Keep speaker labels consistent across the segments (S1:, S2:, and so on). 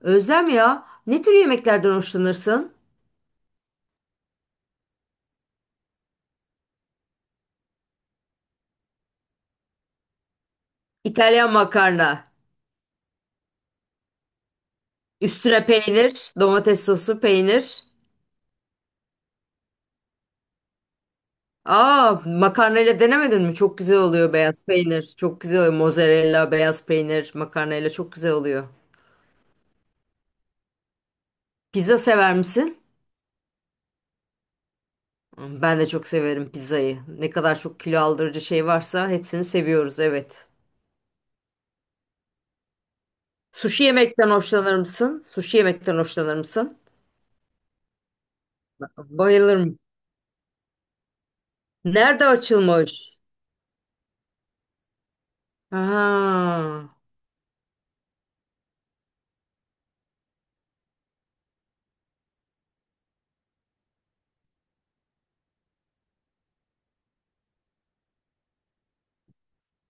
S1: Özlem ya, ne tür yemeklerden hoşlanırsın? İtalyan makarna. Üstüne peynir, domates sosu, peynir. Aa, makarnayla denemedin mi? Çok güzel oluyor beyaz peynir. Çok güzel oluyor. Mozzarella, beyaz peynir, makarnayla çok güzel oluyor. Pizza sever misin? Hmm, ben de çok severim pizzayı. Ne kadar çok kilo aldırıcı şey varsa hepsini seviyoruz, evet. Sushi yemekten hoşlanır mısın? Sushi yemekten hoşlanır mısın? Bayılırım. Nerede açılmış? Ha.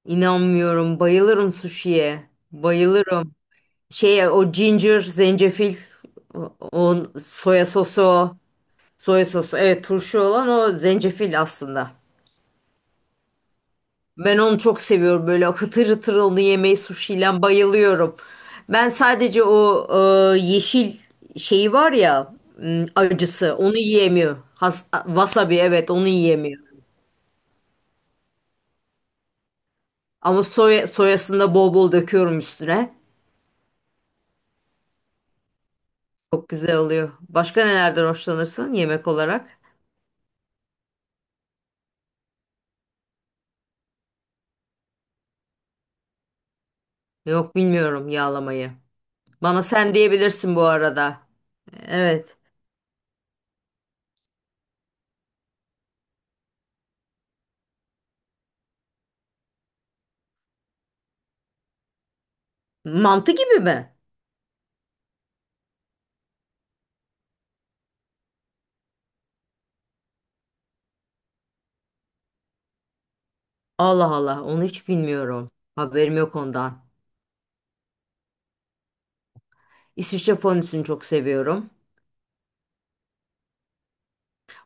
S1: İnanmıyorum. Bayılırım suşiye. Bayılırım. Şey o ginger, zencefil, o soya sosu, soya sosu. Evet turşu olan o zencefil aslında. Ben onu çok seviyorum. Böyle hıtır hıtır onu yemeyi suşiyle bayılıyorum. Ben sadece o yeşil şeyi var ya acısı onu yiyemiyor. Has, wasabi evet onu yiyemiyor. Ama soyasını da bol bol döküyorum üstüne. Çok güzel oluyor. Başka nelerden hoşlanırsın yemek olarak? Yok bilmiyorum yağlamayı. Bana sen diyebilirsin bu arada. Evet. Mantı gibi mi? Allah Allah onu hiç bilmiyorum. Haberim yok ondan. İsviçre fondüsünü çok seviyorum.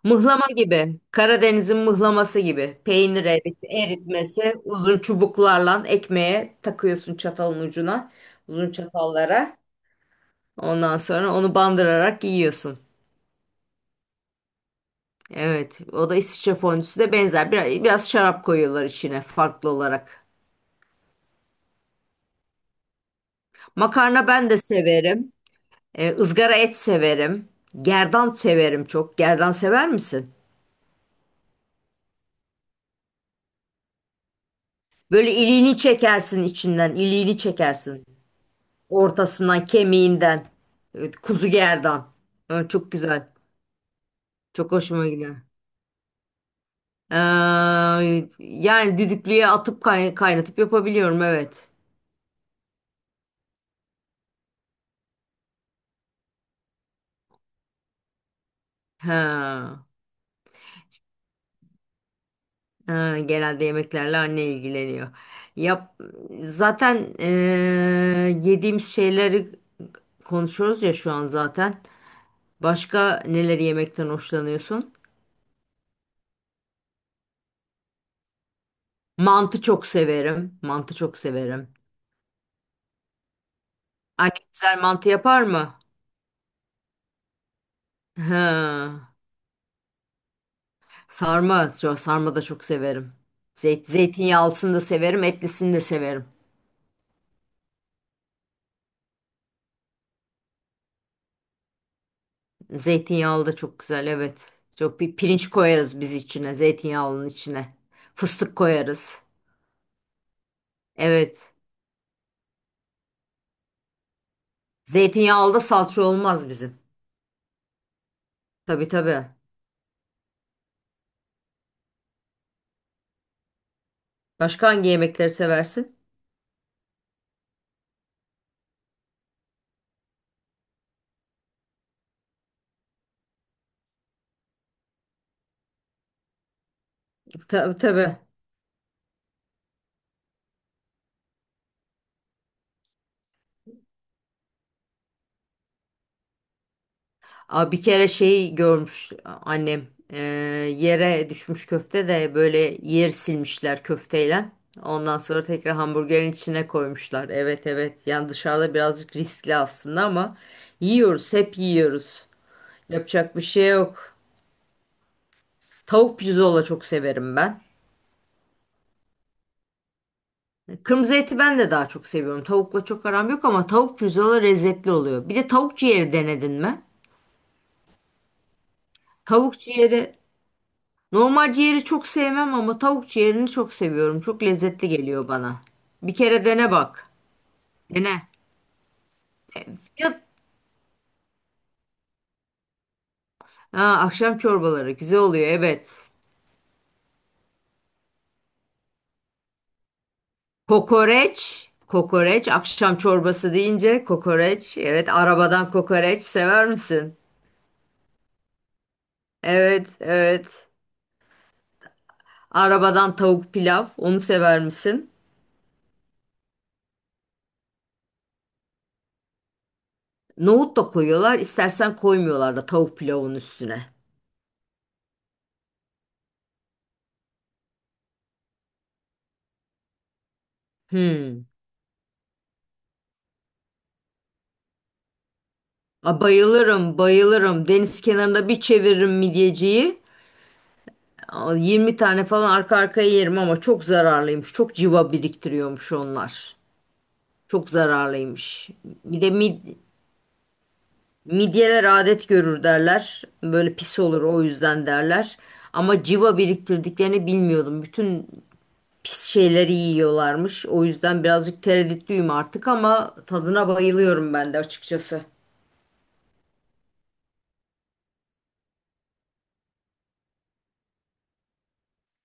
S1: Mıhlama gibi. Karadeniz'in mıhlaması gibi. Peynir eritmesi. Uzun çubuklarla ekmeğe takıyorsun çatalın ucuna. Uzun çatallara. Ondan sonra onu bandırarak yiyorsun. Evet, o da İsviçre fondüsü de benzer. Biraz şarap koyuyorlar içine farklı olarak. Makarna ben de severim. Izgara et severim. Gerdan severim çok. Gerdan sever misin? Böyle iliğini çekersin içinden, iliğini çekersin. Ortasından, kemiğinden. Evet, kuzu gerdan. Ha, çok güzel. Çok hoşuma gider. Ee, yani düdüklüye atıp kaynatıp yapabiliyorum, evet. Ha. Ha, genelde yemeklerle anne ilgileniyor. Yap, zaten yediğimiz şeyleri konuşuyoruz ya şu an zaten. Başka neleri yemekten hoşlanıyorsun? Mantı çok severim. Mantı çok severim. Anne güzel mantı yapar mı? Ha. Sarma, sarma da çok severim. Zeytinyağlısını da severim, etlisini de severim. Zeytinyağlı da çok güzel, evet. Çok bir pirinç koyarız biz içine, zeytinyağlının içine. Fıstık koyarız. Evet. Zeytinyağlı da salça olmaz bizim. Tabii tabii. Başka hangi yemekleri seversin? Tabii tabii. Aa, bir kere şeyi görmüş annem. Ee, yere düşmüş köfte de böyle yer silmişler köfteyle. Ondan sonra tekrar hamburgerin içine koymuşlar. Evet evet. Yani dışarıda birazcık riskli aslında ama yiyoruz, hep yiyoruz. Yapacak bir şey yok. Tavuk pirzola çok severim ben. Kırmızı eti ben de daha çok seviyorum. Tavukla çok aram yok ama tavuk pirzola lezzetli oluyor. Bir de tavuk ciğeri denedin mi? Tavuk ciğeri, normal ciğeri çok sevmem ama tavuk ciğerini çok seviyorum. Çok lezzetli geliyor bana. Bir kere dene bak. Dene. Ya, ha, akşam çorbaları güzel oluyor evet. Kokoreç, kokoreç, akşam çorbası deyince kokoreç. Evet, arabadan kokoreç sever misin? Evet, evet. Arabadan tavuk pilav, onu sever misin? Nohut da koyuyorlar, istersen koymuyorlar da tavuk pilavın üstüne. Hmm. A, bayılırım, bayılırım. Deniz kenarında bir çeviririm midyeciyi. A, 20 tane falan arka arkaya yerim ama çok zararlıymış. Çok civa biriktiriyormuş onlar. Çok zararlıymış. Bir de midyeler adet görür derler. Böyle pis olur o yüzden derler. Ama civa biriktirdiklerini bilmiyordum. Bütün pis şeyleri yiyorlarmış. O yüzden birazcık tereddütlüyüm artık ama tadına bayılıyorum ben de açıkçası.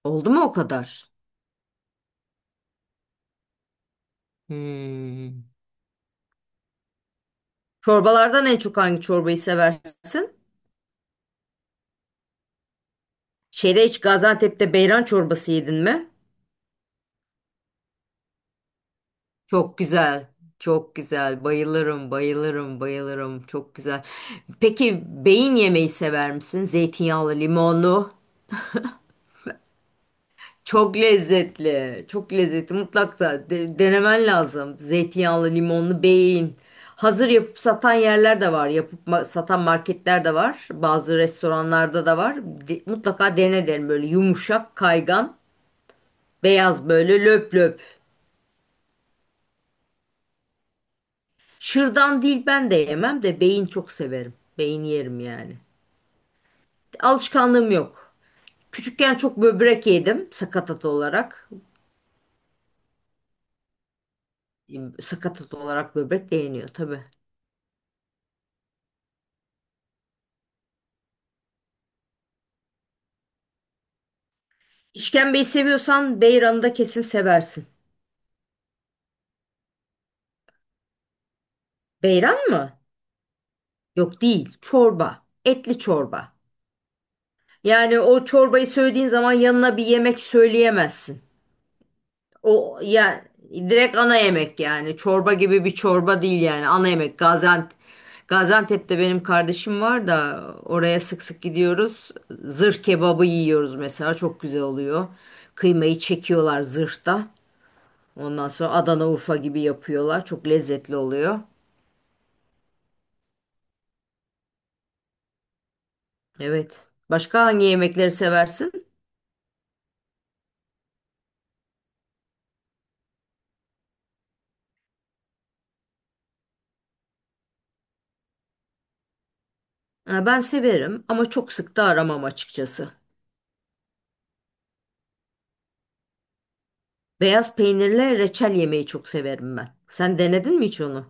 S1: Oldu mu o kadar? Hmm. Çorbalardan en çok hangi çorbayı seversin? Şeyde hiç Gaziantep'te beyran çorbası yedin mi? Çok güzel. Çok güzel. Bayılırım, bayılırım, bayılırım. Çok güzel. Peki beyin yemeği sever misin? Zeytinyağlı, limonlu. Çok lezzetli. Çok lezzetli. Mutlaka denemen lazım. Zeytinyağlı, limonlu beyin. Hazır yapıp satan yerler de var. Yapıp satan marketler de var. Bazı restoranlarda da var. Mutlaka dene derim böyle yumuşak, kaygan, beyaz böyle löp löp. Şırdan değil ben de yemem de beyin çok severim. Beyin yerim yani. Alışkanlığım yok. Küçükken çok böbrek yedim sakatat olarak. Sakatat olarak böbrek de yeniyor tabii. İşkembeyi seviyorsan beyranı da kesin seversin. Beyran mı? Yok değil. Çorba. Etli çorba. Yani o çorbayı söylediğin zaman yanına bir yemek söyleyemezsin. O yani direkt ana yemek yani. Çorba gibi bir çorba değil yani. Ana yemek. Gaziantep'te benim kardeşim var da oraya sık sık gidiyoruz. Zırh kebabı yiyoruz mesela. Çok güzel oluyor. Kıymayı çekiyorlar zırhta. Ondan sonra Adana Urfa gibi yapıyorlar. Çok lezzetli oluyor. Evet. Başka hangi yemekleri seversin? Ha, ben severim ama çok sık da aramam açıkçası. Beyaz peynirle reçel yemeyi çok severim ben. Sen denedin mi hiç onu?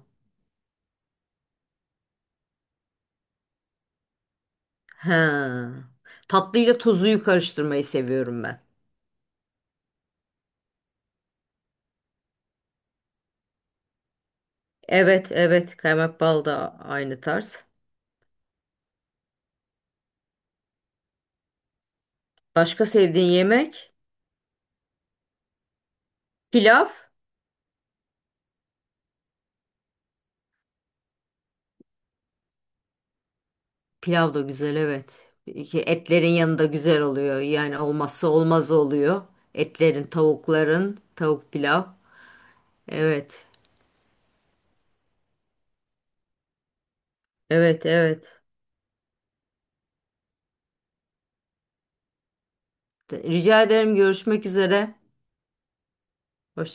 S1: Ha. Tatlıyla tuzuyu karıştırmayı seviyorum ben. Evet, evet. Kaymak bal da aynı tarz. Başka sevdiğin yemek? Pilav. Pilav da güzel, evet. Etlerin yanında güzel oluyor. Yani olmazsa olmaz oluyor. Etlerin, tavukların, tavuk pilav. Evet. Evet, evet. Rica ederim, görüşmek üzere. Hoşça